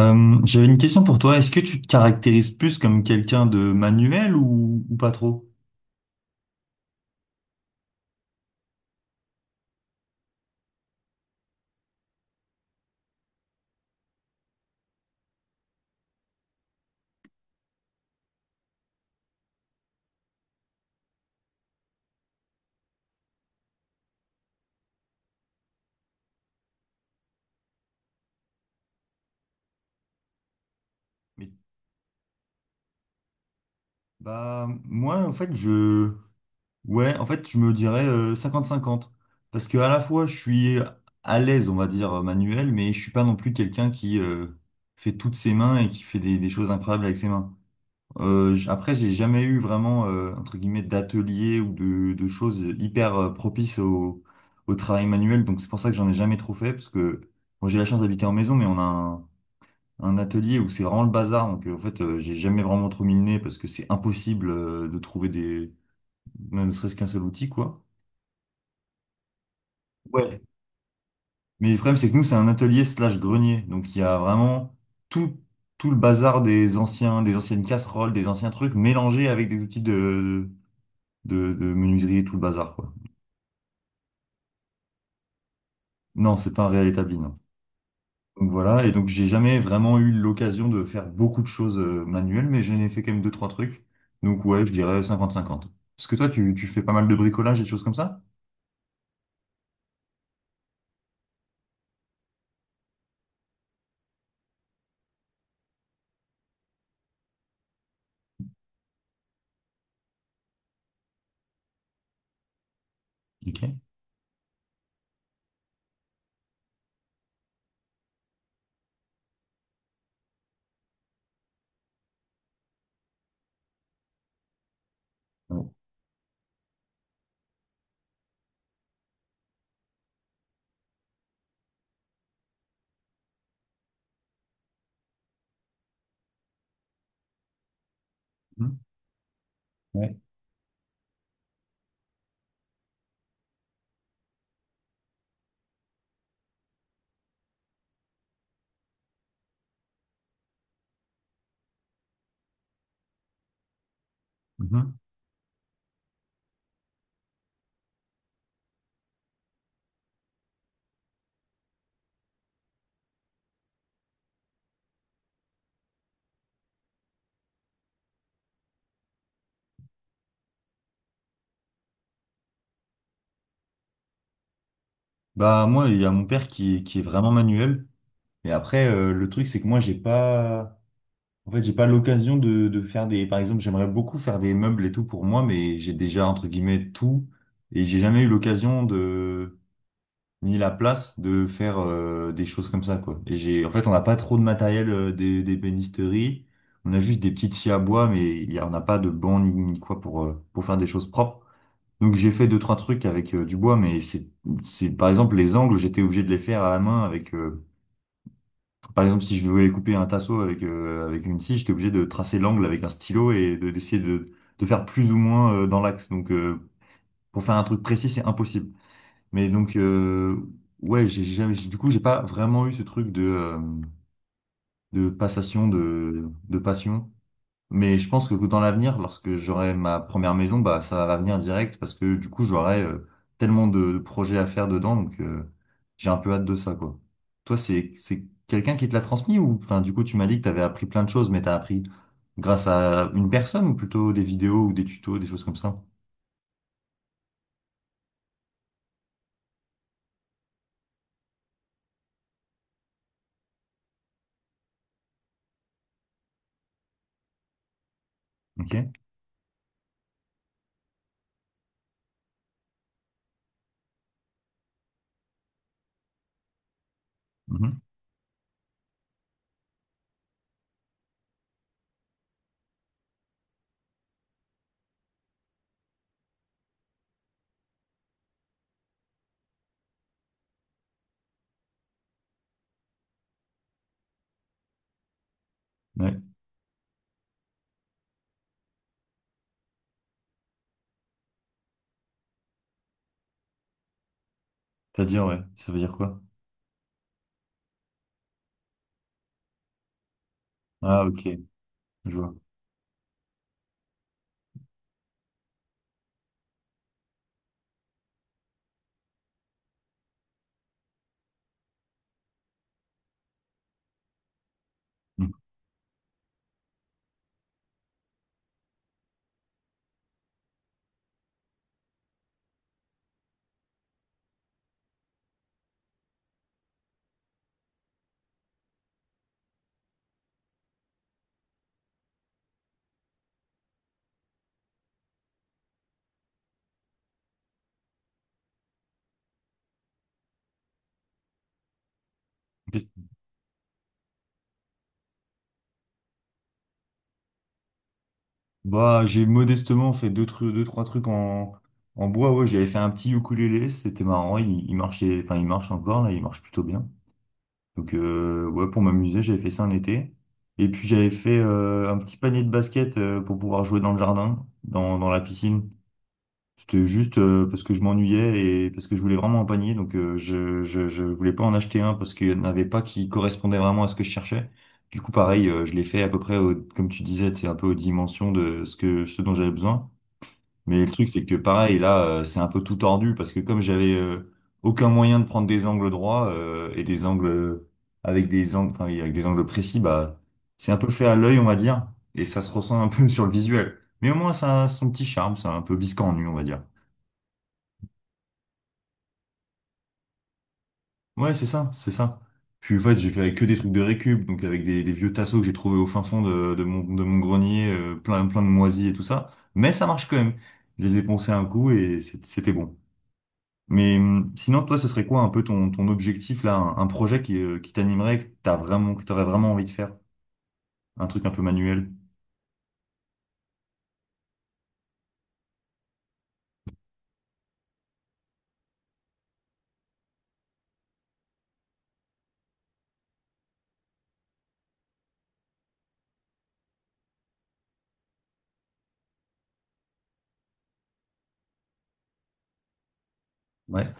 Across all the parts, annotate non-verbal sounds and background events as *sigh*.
J'avais une question pour toi. Est-ce que tu te caractérises plus comme quelqu'un de manuel ou pas trop? Mais- bah, moi, en fait, je, ouais, en fait, je me dirais cinquante 50. Parce que à la fois, je suis à l'aise, on va dire, manuel, mais je suis pas non plus quelqu'un qui fait toutes ses mains et qui fait des choses incroyables avec ses mains. Après, j'ai jamais eu vraiment, entre guillemets, d'atelier ou de choses hyper propices au travail manuel. Donc, c'est pour ça que j'en ai jamais trop fait, parce que bon, j'ai la chance d'habiter en maison, mais on a un atelier où c'est vraiment le bazar. Donc, j'ai jamais vraiment trop mis le nez parce que c'est impossible, de trouver des, ne serait-ce qu'un seul outil, quoi. Ouais. Mais le problème, c'est que nous, c'est un atelier slash grenier. Donc, il y a vraiment tout, tout le bazar des anciens, des anciennes casseroles, des anciens trucs mélangés avec des outils de menuiserie et tout le bazar, quoi. Non, c'est pas un réel établi, non. Donc voilà, et donc j'ai jamais vraiment eu l'occasion de faire beaucoup de choses manuelles, mais j'en ai fait quand même deux, trois trucs. Donc ouais, je dirais cinquante cinquante. Parce que toi, tu fais pas mal de bricolage et de choses comme ça? Ok. Ouais. Mhm. Ouais. Mhm. Bah moi, il y a mon père qui est vraiment manuel. Et après, le truc, c'est que moi, j'ai pas... En fait, j'ai pas l'occasion de faire des... Par exemple, j'aimerais beaucoup faire des meubles et tout pour moi, mais j'ai déjà, entre guillemets, tout. Et j'ai jamais eu l'occasion de ni la place de faire des choses comme ça, quoi. Et on n'a pas trop de matériel euh, des. On a juste des petites scies à bois, mais on n'a pas de banc ni quoi pour faire des choses propres. Donc j'ai fait deux, trois trucs avec du bois, mais par exemple, les angles, j'étais obligé de les faire à la main avec, par exemple, si je voulais couper un tasseau avec une scie, j'étais obligé de tracer l'angle avec un stylo et d'essayer de faire plus ou moins dans l'axe. Donc, pour faire un truc précis, c'est impossible. Mais donc, ouais, j'ai jamais, j'ai- du coup, j'ai pas vraiment eu ce truc de passation, de passion. Mais je pense que dans l'avenir, lorsque j'aurai ma première maison, bah, ça va venir direct parce que du coup, j'aurai tellement de projets à faire dedans. Donc, j'ai un peu hâte de ça, quoi. Toi, c'est quelqu'un qui te l'a transmis ou, enfin, du coup, tu m'as dit que t'avais appris plein de choses, mais t'as appris grâce à une personne ou plutôt des vidéos ou des tutos, des choses comme ça? Ok. Mhm. Ouais. C'est-à-dire, ouais. Ça veut dire quoi? Ah, ok. Je vois. Mm. Bah, j'ai modestement fait deux trois trucs en bois. Ouais, j'avais fait un petit ukulélé, c'était marrant. Il marchait, enfin, il marche encore là, il marche plutôt bien. Donc, ouais, pour m'amuser, j'avais fait ça un été. Et puis, j'avais fait un petit panier de basket pour pouvoir jouer dans le jardin, dans la piscine. C'était juste parce que je m'ennuyais et parce que je voulais vraiment un panier. Donc je voulais pas en acheter un parce qu'il n'y en avait pas qui correspondait vraiment à ce que je cherchais. Du coup, pareil, je l'ai fait à peu près, au- comme tu disais, c'est un peu aux dimensions de ce que ce dont j'avais besoin. Mais le truc, c'est que pareil, là, c'est un peu tout tordu parce que comme j'avais aucun moyen de prendre des angles droits et des angles avec des angles, enfin, avec des angles précis, bah c'est un peu fait à l'œil, on va dire, et ça se ressent un peu *laughs* sur le visuel. Mais au moins, ça a son petit charme, c'est un peu biscornu, on va dire. Ouais, c'est ça, c'est ça. Puis en fait, j'ai fait avec que des trucs de récup, donc avec des vieux tasseaux que j'ai trouvés au fin fond de mon grenier, plein, plein de moisis et tout ça. Mais ça marche quand même. Je les ai poncés un coup et c'était bon. Mais sinon, toi, ce serait quoi un peu ton objectif là, un projet qui t'animerait, que t'aurais vraiment envie de faire? Un truc un peu manuel. Ouais,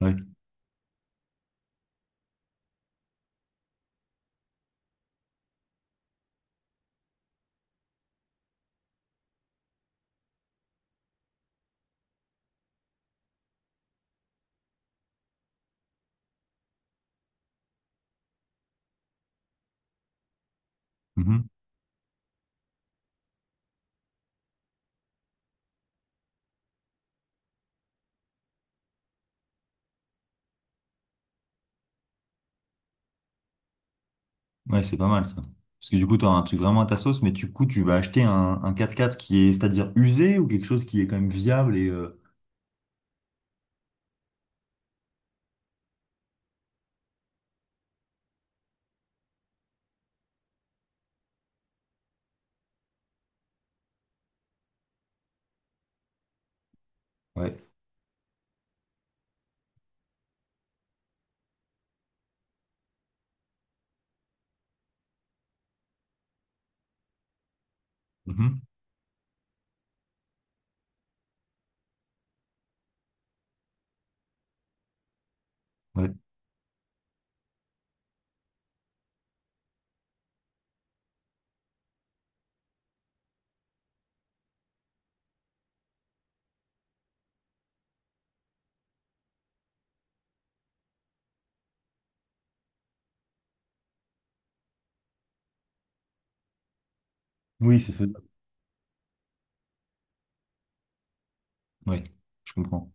ouais. Mhm. Ouais, c'est pas mal ça. Parce que du coup, t'auras un truc vraiment à ta sauce, mais du coup, tu vas acheter un quatre quatre qui est, c'est-à-dire usé ou quelque chose qui est quand même viable et ouais. Mhm. Ouais. Oui, c'est faisable. Oui, je comprends.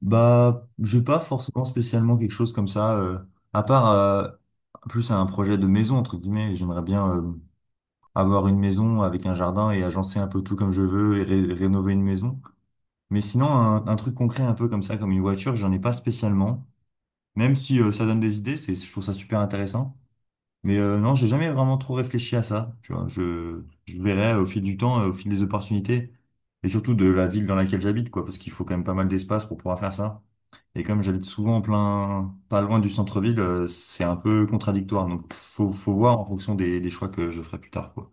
Bah, j'ai pas forcément spécialement quelque chose comme ça, à part plus un projet de maison, entre guillemets. J'aimerais bien avoir une maison avec un jardin et agencer un peu tout comme je veux et rénover une maison. Mais sinon, un truc concret un peu comme ça, comme une voiture, j'en ai pas spécialement. Même si ça donne des idées, c'est, je trouve ça super intéressant. Mais non, j'ai jamais vraiment trop réfléchi à ça. Tu vois, je verrai au fil du temps, au fil des opportunités, et surtout de la ville dans laquelle j'habite, quoi, parce qu'il faut quand même pas mal d'espace pour pouvoir faire ça. Et comme j'habite souvent en plein, pas loin du centre-ville, c'est un peu contradictoire. Donc, faut voir en fonction des choix que je ferai plus tard, quoi.